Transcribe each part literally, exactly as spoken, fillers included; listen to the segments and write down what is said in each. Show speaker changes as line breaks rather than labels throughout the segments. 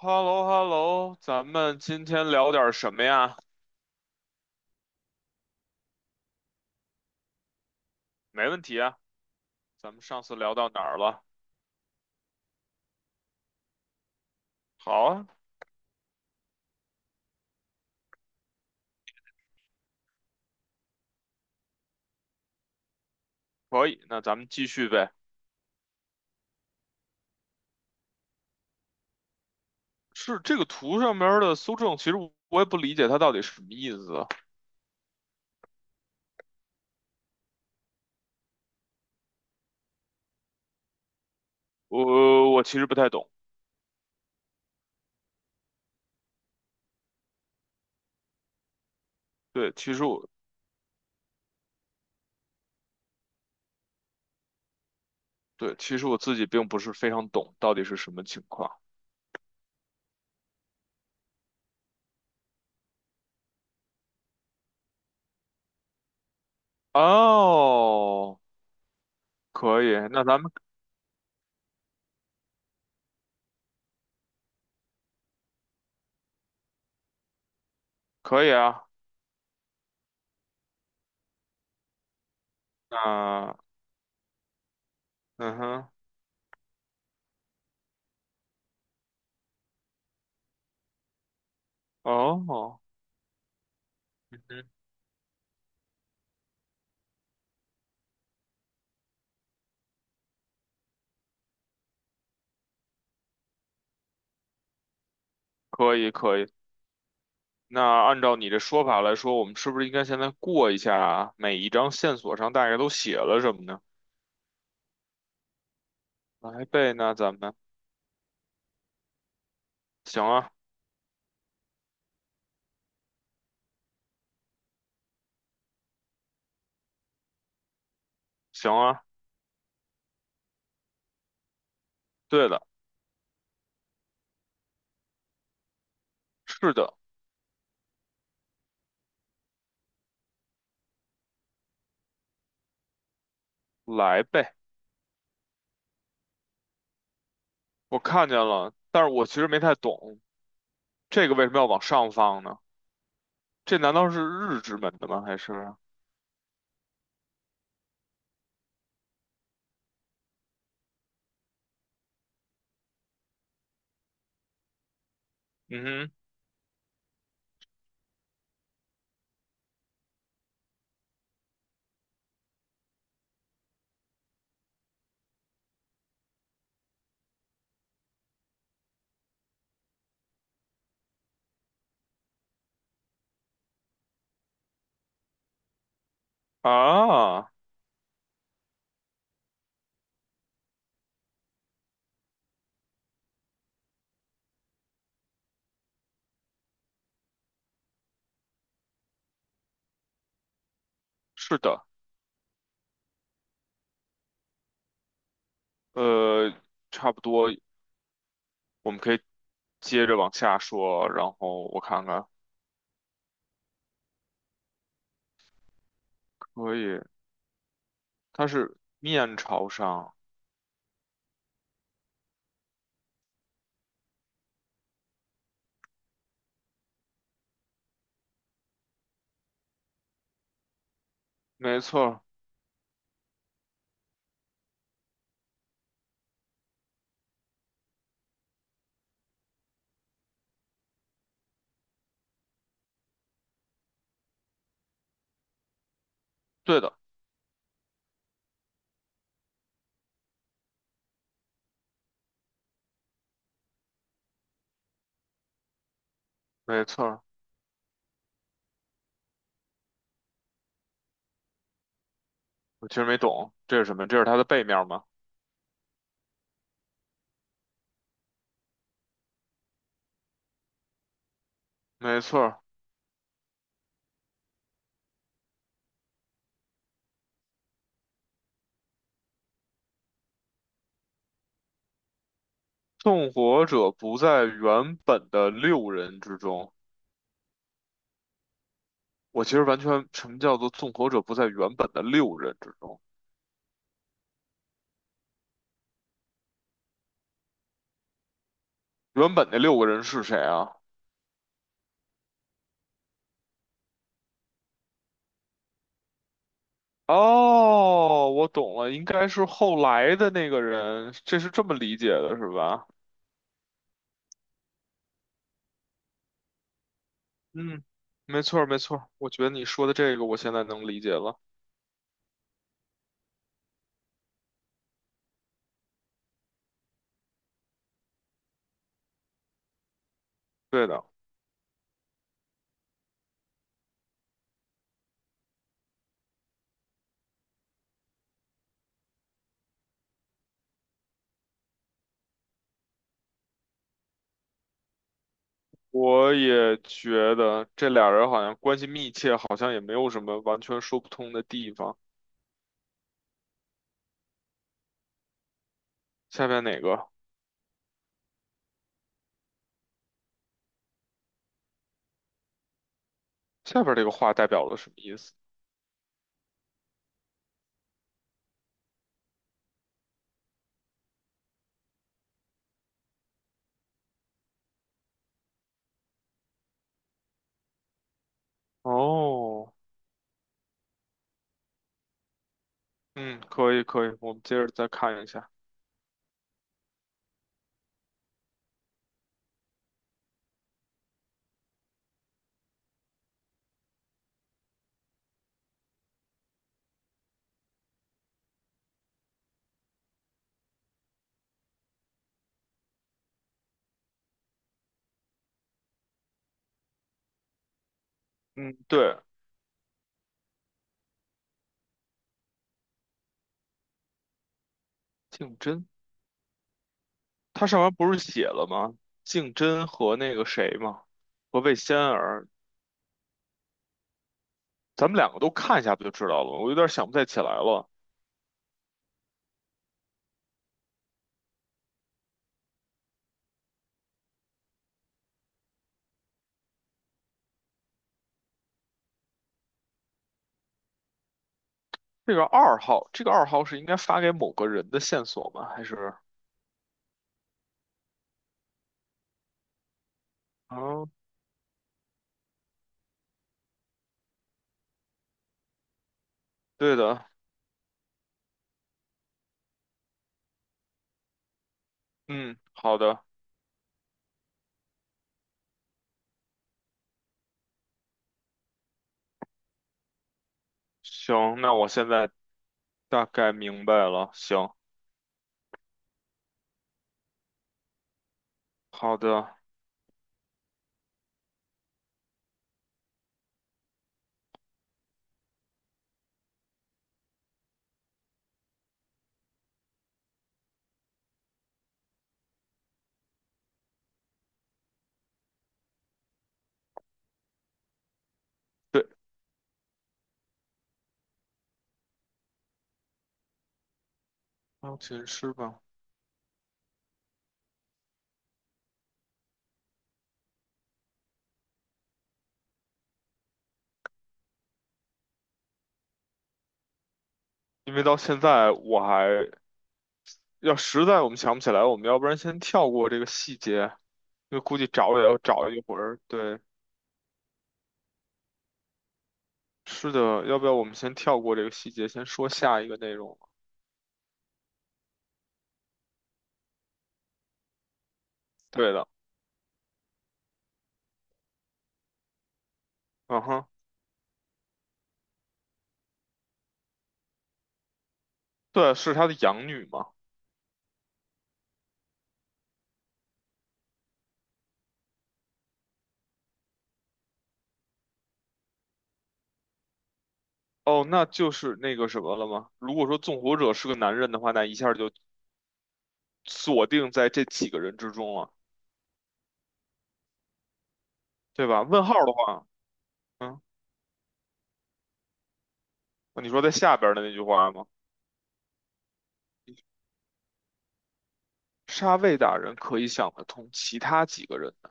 h e l l o h e l l o 咱们今天聊点什么呀？没问题啊，咱们上次聊到哪儿了？好啊，可以，那咱们继续呗。是这个图上面儿的搜证，其实我也不理解它到底什么意思啊。我我其实不太懂。对，其实我对，其实我自己并不是非常懂到底是什么情况。哦，可以，那咱们可以啊。那嗯哼，哦，可以可以。那按照你的说法来说，我们是不是应该现在过一下啊每一张线索上大概都写了什么呢？来呗，那咱们行啊，行啊，对的，是的，来呗。我看见了，但是我其实没太懂这个为什么要往上放呢？这难道是日之门的吗？还是？嗯哼，啊，是的，呃，差不多，我们可以接着往下说，然后我看看，可以，它是面朝上，没错，对的。没错儿，我其实没懂这是什么，这是它的背面吗？没错儿，纵火者不在原本的六人之中。我其实完全，什么叫做纵火者不在原本的六人之中？原本那六个人是谁啊？哦，我懂了，应该是后来的那个人，这是这么理解的，是吧？嗯，没错儿，没错儿，我觉得你说的这个，我现在能理解了。对的。我也觉得这俩人好像关系密切，好像也没有什么完全说不通的地方。下面哪个？下边这个话代表了什么意思？哦，嗯，可以可以，我们接着再看一下。嗯，对，竞争，他上面不是写了吗？竞争和那个谁吗？和魏仙儿，咱们两个都看一下不就知道了吗？我有点想不太起来了。这个二号，这个二号是应该发给某个人的线索吗？还是？哦，对的，嗯，好的。行，那我现在大概明白了。行，好的，对，钢琴师吧，因为到现在我还要实在我们想不起来，我们要不然先跳过这个细节，因为估计找也要找一会儿。对，是的，要不要我们先跳过这个细节，先说下一个内容？对的，嗯哼，对，是他的养女嘛？哦，那就是那个什么了吗？如果说纵火者是个男人的话，那一下就锁定在这几个人之中了，对吧？问号的话。嗯你说在下边的那句话吗？杀魏大人可以想得通，其他几个人呢？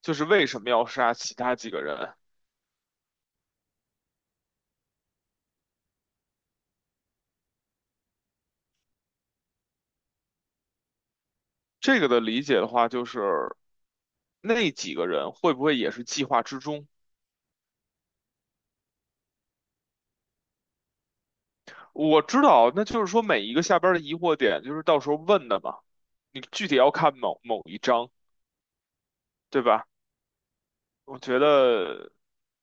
就是为什么要杀其他几个人？这个的理解的话，就是那几个人会不会也是计划之中？我知道，那就是说每一个下边的疑惑点，就是到时候问的嘛。你具体要看某某一章，对吧？我觉得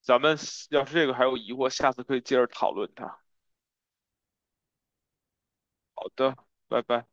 咱们要是这个还有疑惑，下次可以接着讨论它。好的，拜拜。